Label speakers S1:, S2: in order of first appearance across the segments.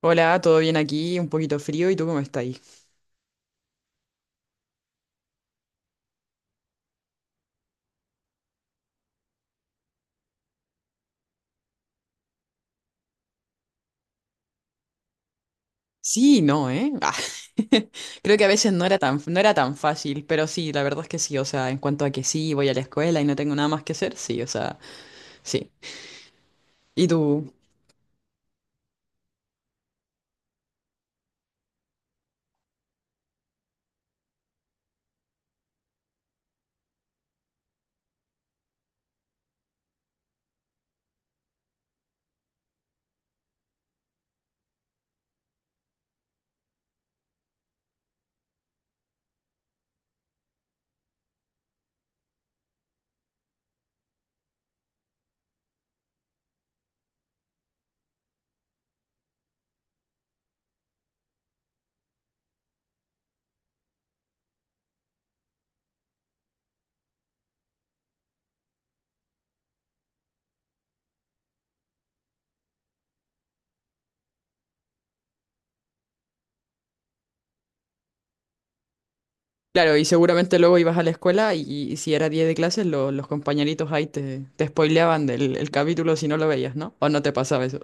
S1: Hola, ¿todo bien aquí? Un poquito frío, ¿y tú cómo estás ahí? Sí, no, ¿eh? Creo que a veces no era tan fácil, pero sí, la verdad es que sí, o sea, en cuanto a que sí, voy a la escuela y no tengo nada más que hacer, sí, o sea, sí. Y tú, claro, y seguramente luego ibas a la escuela y si era día de clases, los compañeritos ahí te spoileaban del el capítulo si no lo veías, ¿no? ¿O no te pasaba eso?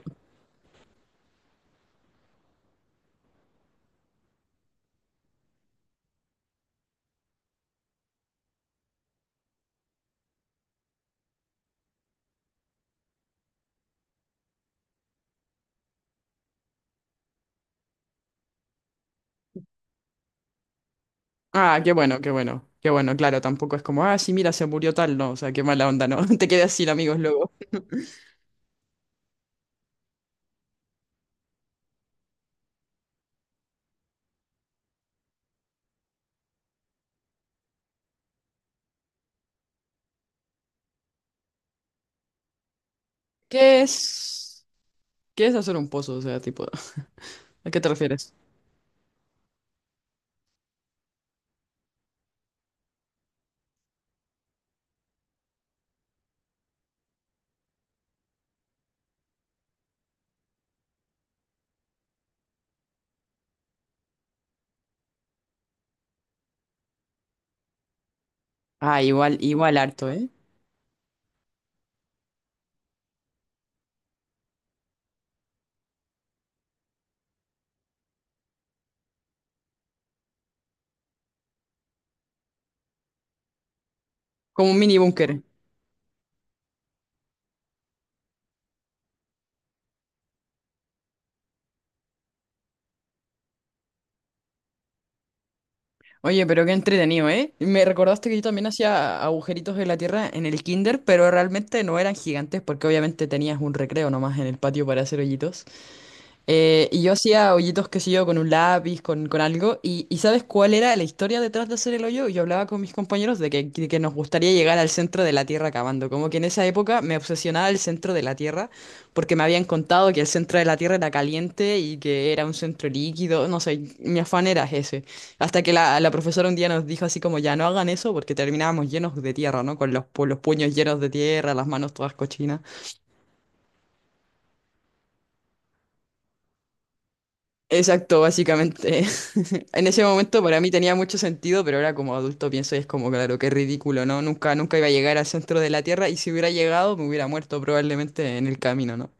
S1: Ah, qué bueno, claro, tampoco es como, ah, sí, mira, se murió tal, no, o sea, qué mala onda, ¿no? Te quedas sin amigos luego. ¿Qué es? ¿Qué es hacer un pozo? O sea, tipo, ¿a qué te refieres? Ah, igual, igual harto, ¿eh? Como un mini búnker. Oye, pero qué entretenido, ¿eh? Me recordaste que yo también hacía agujeritos en la tierra en el kinder, pero realmente no eran gigantes porque obviamente tenías un recreo nomás en el patio para hacer hoyitos. Y yo hacía hoyitos, qué sé yo, con un lápiz, con algo. Y ¿sabes cuál era la historia detrás de hacer el hoyo? Yo hablaba con mis compañeros de que nos gustaría llegar al centro de la Tierra cavando. Como que en esa época me obsesionaba el centro de la Tierra porque me habían contado que el centro de la Tierra era caliente y que era un centro líquido. No sé, mi afán era ese. Hasta que la profesora un día nos dijo así como, ya no hagan eso porque terminábamos llenos de tierra, ¿no? Con los, los puños llenos de tierra, las manos todas cochinas. Exacto, básicamente. En ese momento para mí tenía mucho sentido, pero ahora como adulto pienso y es como, claro, qué ridículo, ¿no? Nunca iba a llegar al centro de la Tierra y si hubiera llegado me hubiera muerto probablemente en el camino, ¿no?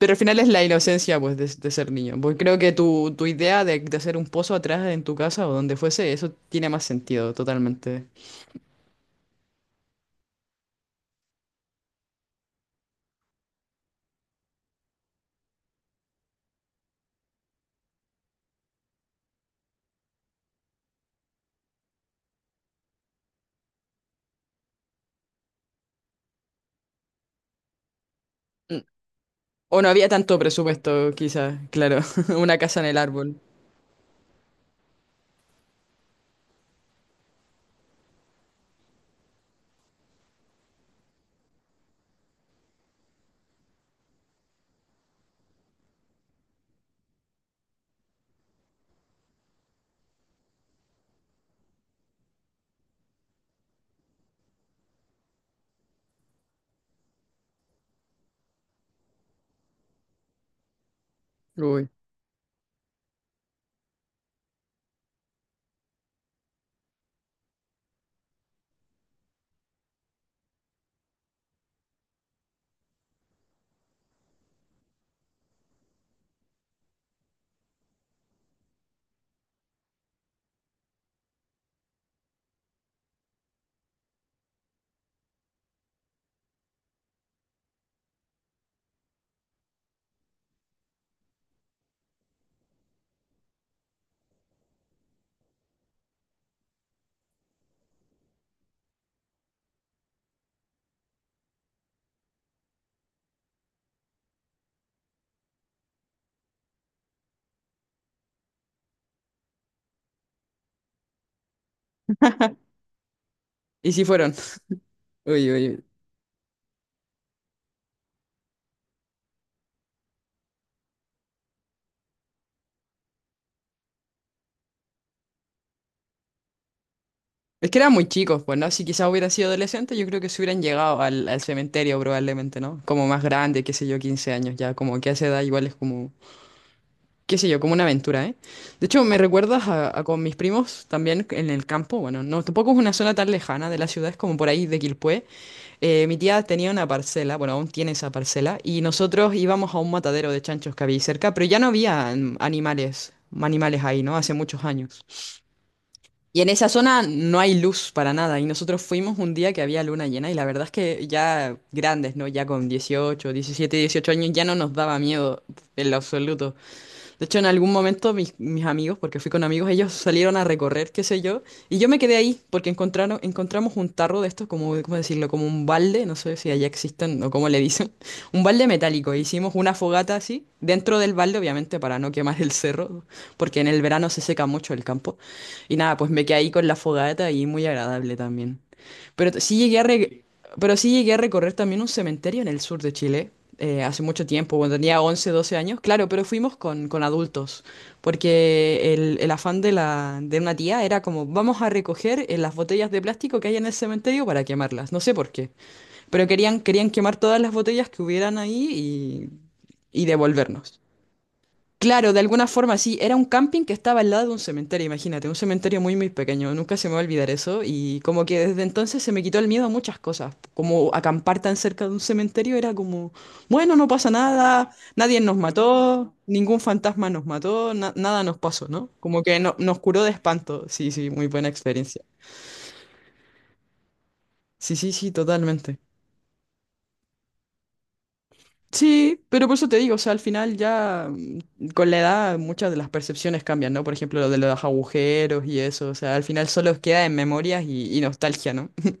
S1: Pero al final es la inocencia, pues, de ser niño. Pues creo que tu idea de hacer un pozo atrás en tu casa o donde fuese, eso tiene más sentido, totalmente. Mm. O no había tanto presupuesto, quizás, claro. Una casa en el árbol. Uy. ¿Y si fueron? Uy, uy. Es que eran muy chicos, pues, ¿no? Si quizás hubieran sido adolescentes, yo creo que se hubieran llegado al, al cementerio probablemente, ¿no? Como más grande, qué sé yo, 15 años ya, como que a esa edad igual es como, qué sé yo, como una aventura, ¿eh? De hecho, me recuerdas a con mis primos también en el campo, bueno, no, tampoco es una zona tan lejana de la ciudad, es como por ahí de Quilpué. Mi tía tenía una parcela, bueno, aún tiene esa parcela, y nosotros íbamos a un matadero de chanchos que había ahí cerca, pero ya no había animales, animales ahí, ¿no? Hace muchos años. Y en esa zona no hay luz para nada. Y nosotros fuimos un día que había luna llena y la verdad es que ya grandes, ¿no? Ya con 18, 17, 18 años ya no nos daba miedo en lo absoluto. De hecho, en algún momento mis amigos, porque fui con amigos, ellos salieron a recorrer, qué sé yo, y yo me quedé ahí porque encontramos un tarro de estos, como, ¿cómo decirlo? Como un balde, no sé si allá existen o cómo le dicen, un balde metálico. E hicimos una fogata así, dentro del balde, obviamente, para no quemar el cerro, porque en el verano se seca mucho el campo. Y nada, pues me quedé ahí con la fogata y muy agradable también. Pero t- sí llegué a re- pero sí llegué a recorrer también un cementerio en el sur de Chile. Eh, hace mucho tiempo, cuando tenía 11 12 años, claro, pero fuimos con adultos, porque el afán de una tía era como, vamos a recoger las botellas de plástico que hay en el cementerio para quemarlas, no sé por qué, pero querían quemar todas las botellas que hubieran ahí y devolvernos. Claro, de alguna forma sí, era un camping que estaba al lado de un cementerio, imagínate, un cementerio muy pequeño, nunca se me va a olvidar eso y como que desde entonces se me quitó el miedo a muchas cosas, como acampar tan cerca de un cementerio era como, bueno, no pasa nada, nadie nos mató, ningún fantasma nos mató, nada nos pasó, ¿no? Como que nos curó de espanto, sí, sí, muy buena experiencia. Sí, sí, sí, totalmente. Sí, pero por eso te digo, o sea, al final ya con la edad muchas de las percepciones cambian, ¿no? Por ejemplo, lo de los agujeros y eso, o sea, al final solo queda en memorias y nostalgia, ¿no?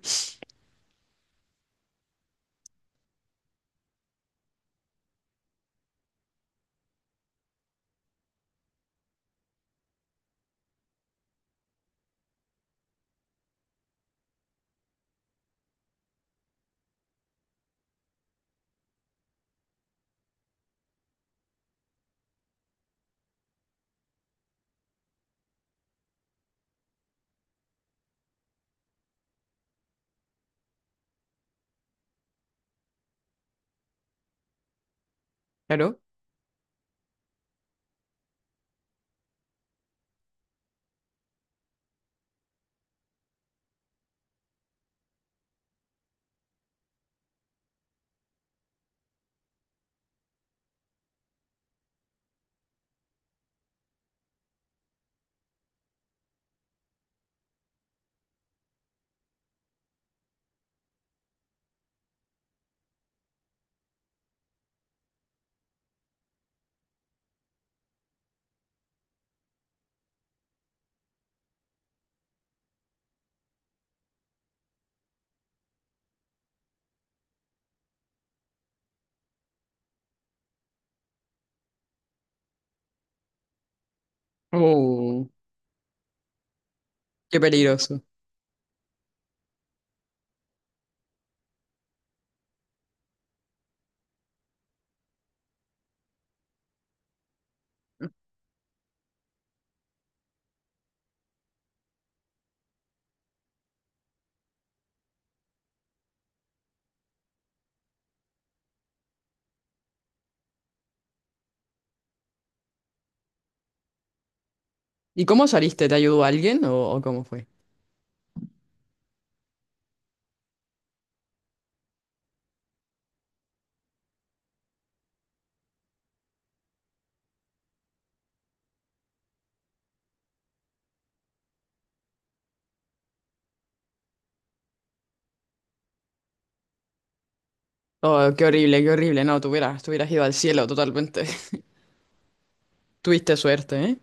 S1: Claro. Oh, qué peligroso. ¿Y cómo saliste? ¿Te ayudó alguien o cómo fue? Oh, qué horrible, qué horrible. No, tú hubieras ido al cielo totalmente. Tuviste suerte, ¿eh?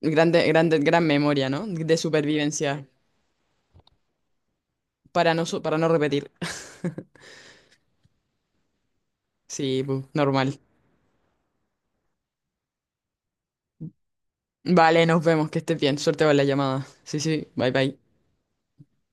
S1: Gran memoria, ¿no? De supervivencia. Para no repetir. Sí, pu, normal. Vale, nos vemos, que estés bien. Suerte con la llamada. Sí, sí, bye bye.